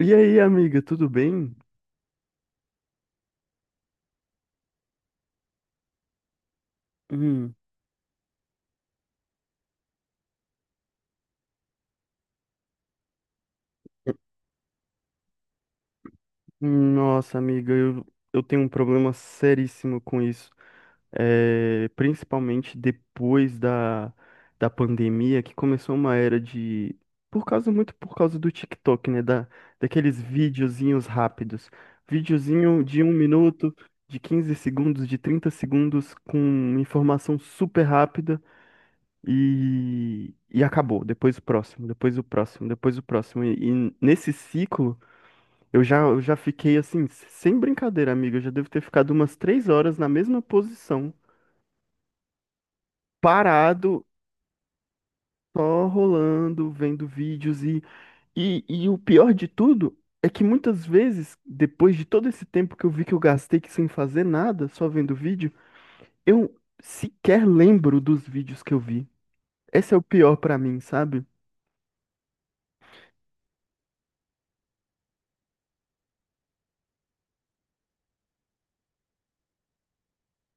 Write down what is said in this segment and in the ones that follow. E aí, amiga, tudo bem? Hum, Nossa, amiga, eu tenho um problema seríssimo com isso. É, principalmente depois da pandemia, que começou uma era de. Por causa, muito por causa do TikTok, né? Daqueles videozinhos rápidos. Videozinho de 1 minuto, de 15 segundos, de 30 segundos, com informação super rápida. E acabou. Depois o próximo, depois o próximo, depois o próximo. E nesse ciclo, eu já fiquei assim, sem brincadeira, amiga. Eu já devo ter ficado umas 3 horas na mesma posição, parado, só rolando, vendo vídeos. E o pior de tudo é que muitas vezes, depois de todo esse tempo que eu vi que eu gastei que sem fazer nada, só vendo vídeo, eu sequer lembro dos vídeos que eu vi. Esse é o pior pra mim, sabe?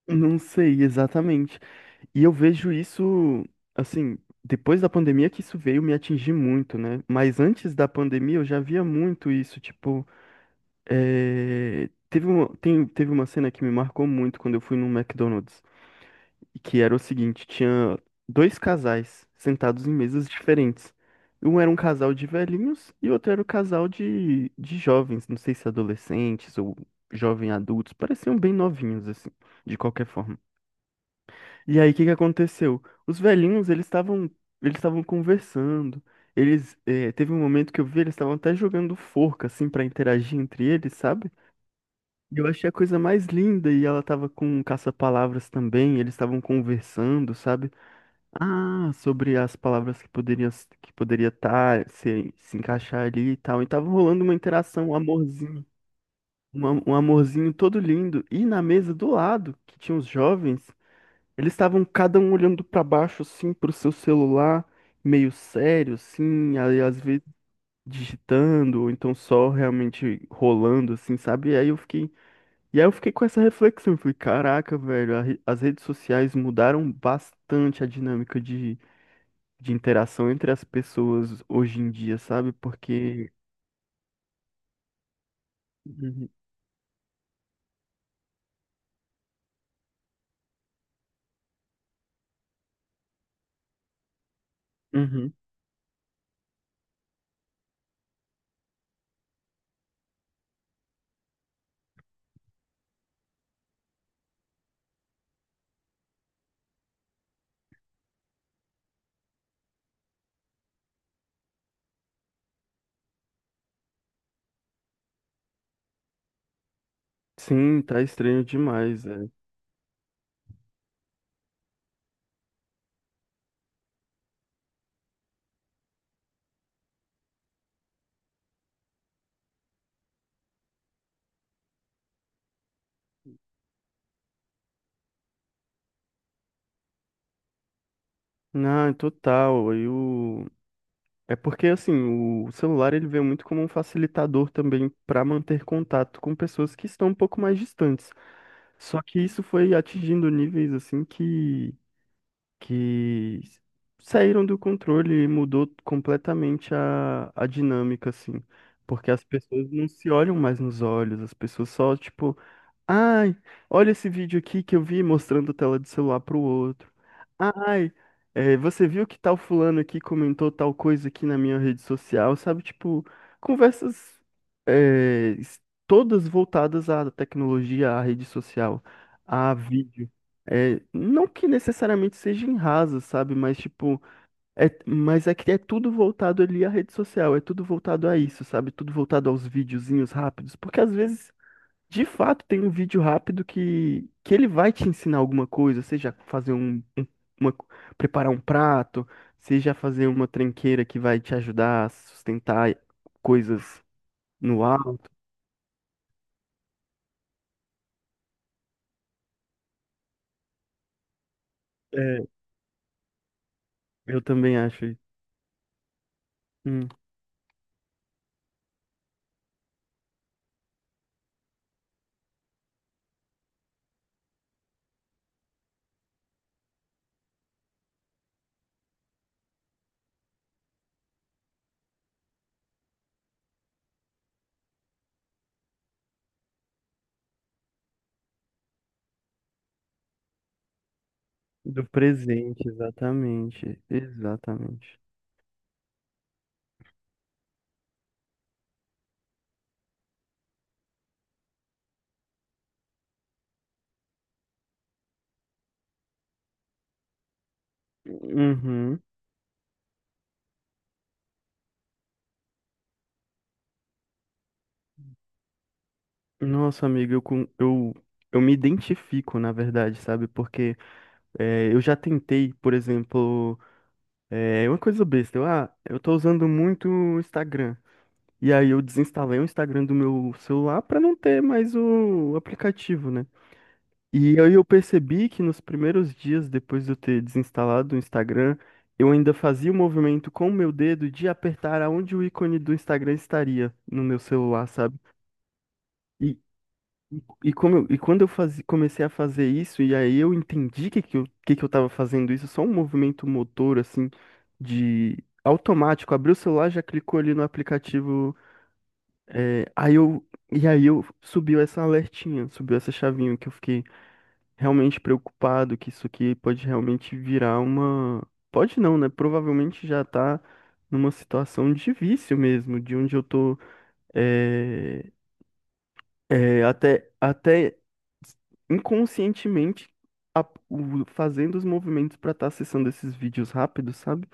Não sei exatamente. E eu vejo isso, assim, depois da pandemia que isso veio me atingir muito, né? Mas antes da pandemia eu já via muito isso, tipo, teve uma cena que me marcou muito quando eu fui no McDonald's, que era o seguinte, tinha dois casais sentados em mesas diferentes. Um era um casal de velhinhos e o outro era um casal de, jovens, não sei se adolescentes ou jovem adultos, pareciam bem novinhos, assim, de qualquer forma. E aí, o que que aconteceu? Os velhinhos, eles estavam conversando. Teve um momento que eu vi, eles estavam até jogando forca assim pra interagir entre eles, sabe? E eu achei a coisa mais linda e ela tava com um caça-palavras também, eles estavam conversando, sabe? Ah, sobre as palavras que poderia estar se encaixar ali e tal. E tava rolando uma interação, um amorzinho, um amorzinho todo lindo. E na mesa do lado, que tinha os jovens eles estavam cada um olhando pra baixo, assim, pro seu celular, meio sério, assim, aí às vezes digitando, ou então só realmente rolando, assim, sabe? E aí eu fiquei com essa reflexão, eu falei, caraca, velho, as redes sociais mudaram bastante a dinâmica de, interação entre as pessoas hoje em dia, sabe? Porque Uhum. Uhum. Sim, tá estranho demais, velho. Não, total. Eu É porque assim, o celular ele veio muito como um facilitador também para manter contato com pessoas que estão um pouco mais distantes. Só que isso foi atingindo níveis assim que que saíram do controle e mudou completamente a dinâmica assim, porque as pessoas não se olham mais nos olhos, as pessoas só tipo Ai, olha esse vídeo aqui que eu vi mostrando tela de celular pro outro. Ai, é, você viu que tal fulano aqui comentou tal coisa aqui na minha rede social, sabe? Tipo, conversas é, es- todas voltadas à tecnologia, à rede social, a vídeo. É, não que necessariamente seja em rasa, sabe? Mas tipo, é, mas é que é tudo voltado ali à rede social, é tudo voltado a isso, sabe? Tudo voltado aos videozinhos rápidos, porque às vezes de fato, tem um vídeo rápido que ele vai te ensinar alguma coisa, seja fazer um, uma, preparar um prato, seja fazer uma tranqueira que vai te ajudar a sustentar coisas no ar. É, eu também acho isso. Hum, do presente, exatamente. Exatamente. Uhum. Nossa, amiga, eu me identifico, na verdade, sabe? Porque é, eu já tentei, por exemplo. É uma coisa besta. Eu tô usando muito o Instagram. E aí eu desinstalei o Instagram do meu celular pra não ter mais o aplicativo, né? E aí eu percebi que nos primeiros dias depois de eu ter desinstalado o Instagram, eu ainda fazia o movimento com o meu dedo de apertar aonde o ícone do Instagram estaria no meu celular, sabe? E, quando comecei a fazer isso, e aí eu entendi que que eu tava fazendo isso, só um movimento motor, assim, de automático, abriu o celular, já clicou ali no aplicativo, é, aí eu, e aí eu subiu essa alertinha, subiu essa chavinha, que eu fiquei realmente preocupado, que isso aqui pode realmente virar uma... Pode não, né? Provavelmente já tá numa situação de vício mesmo, de onde eu tô é, até inconscientemente a- fazendo os movimentos pra estar acessando esses vídeos rápidos, sabe?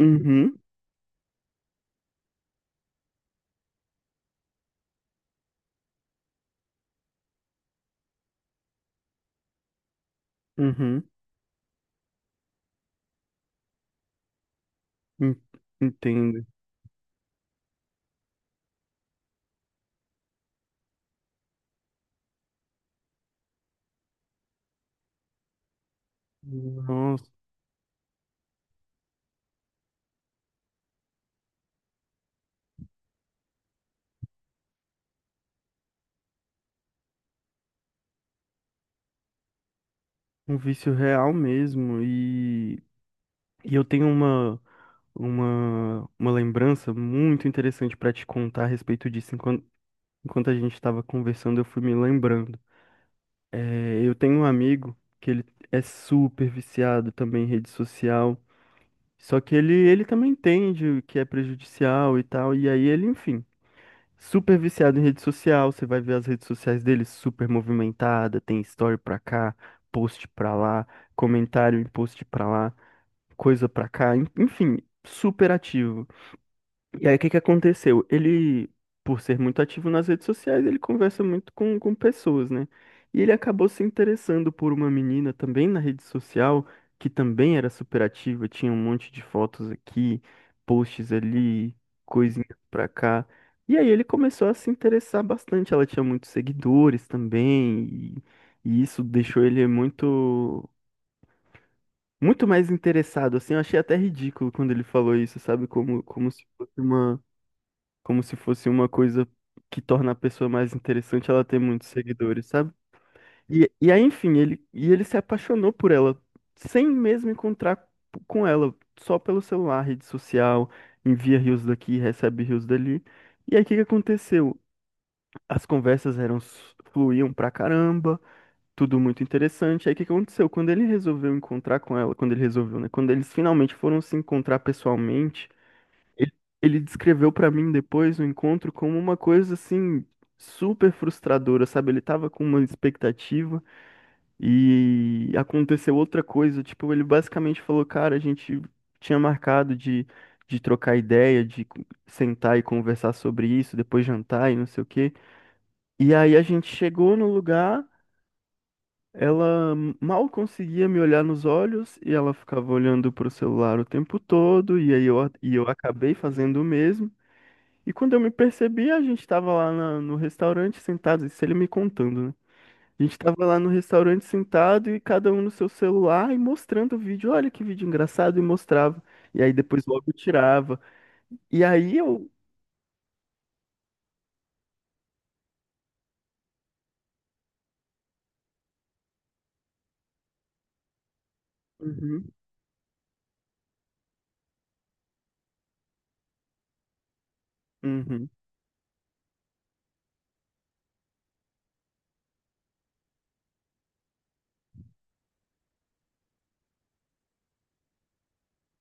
Uhum, uhum, en- entendo. Nossa, um vício real mesmo. E eu tenho uma, uma lembrança muito interessante pra te contar a respeito disso. Enquanto, enquanto a gente estava conversando, eu fui me lembrando. É, eu tenho um amigo que ele é super viciado também em rede social. Só que ele, também entende o que é prejudicial e tal, e aí ele, enfim, super viciado em rede social, você vai ver as redes sociais dele super movimentada, tem story pra cá, post pra lá, comentário em post pra lá, coisa pra cá, enfim, super ativo. E aí, o que que aconteceu? Ele, por ser muito ativo nas redes sociais, ele conversa muito com, pessoas, né? E ele acabou se interessando por uma menina também na rede social, que também era super ativa, tinha um monte de fotos aqui, posts ali, coisinhas pra cá. E aí ele começou a se interessar bastante. Ela tinha muitos seguidores também, e isso deixou ele muito, muito mais interessado, assim. Eu achei até ridículo quando ele falou isso, sabe? Como se fosse uma coisa que torna a pessoa mais interessante ela ter muitos seguidores, sabe? E aí, enfim, ele se apaixonou por ela, sem mesmo encontrar com ela, só pelo celular, rede social, envia rios daqui, recebe rios dali. E aí, o que que aconteceu? As conversas fluíam pra caramba, tudo muito interessante. Aí, o que que aconteceu? Quando ele resolveu encontrar com ela, quando ele resolveu, né? Quando eles finalmente foram se encontrar pessoalmente, ele, ele descreveu pra mim depois o encontro como uma coisa assim super frustradora, sabe? Ele tava com uma expectativa e aconteceu outra coisa. Tipo, ele basicamente falou, cara, a gente tinha marcado de, trocar ideia, sentar e conversar sobre isso, depois jantar e não sei o quê. E aí a gente chegou no lugar. Ela mal conseguia me olhar nos olhos e ela ficava olhando pro celular o tempo todo, e eu acabei fazendo o mesmo. E quando eu me percebi, a gente tava lá no restaurante sentado, isso ele me contando, né? A gente tava lá no restaurante sentado e cada um no seu celular e mostrando o vídeo. Olha que vídeo engraçado, e mostrava. E aí depois logo tirava. E aí eu. Uhum, uhum.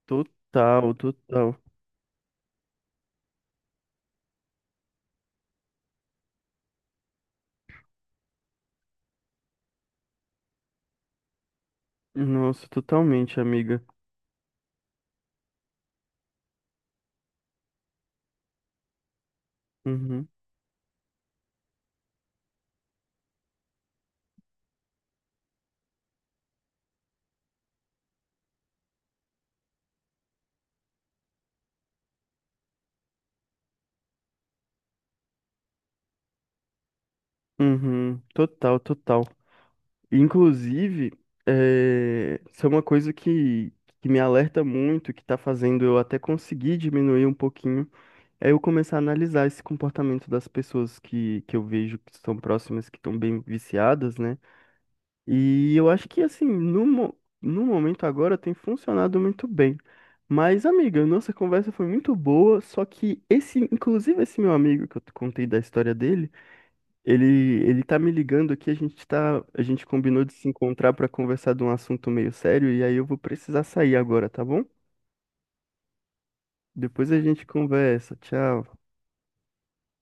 Total, total. Nossa, totalmente, amiga. Uhum, uhum. Total, total. Inclusive, isso é uma coisa que me alerta muito, que tá fazendo eu até conseguir diminuir um pouquinho. É eu começar a analisar esse comportamento das pessoas que, eu vejo que estão próximas, que estão bem viciadas, né? E eu acho que, assim, no momento agora tem funcionado muito bem. Mas, amiga, nossa conversa foi muito boa, só que esse, inclusive esse meu amigo que eu te contei da história dele, ele, ele tá me ligando aqui, a gente combinou de se encontrar para conversar de um assunto meio sério, e aí eu vou precisar sair agora, tá bom? Depois a gente conversa. Tchau.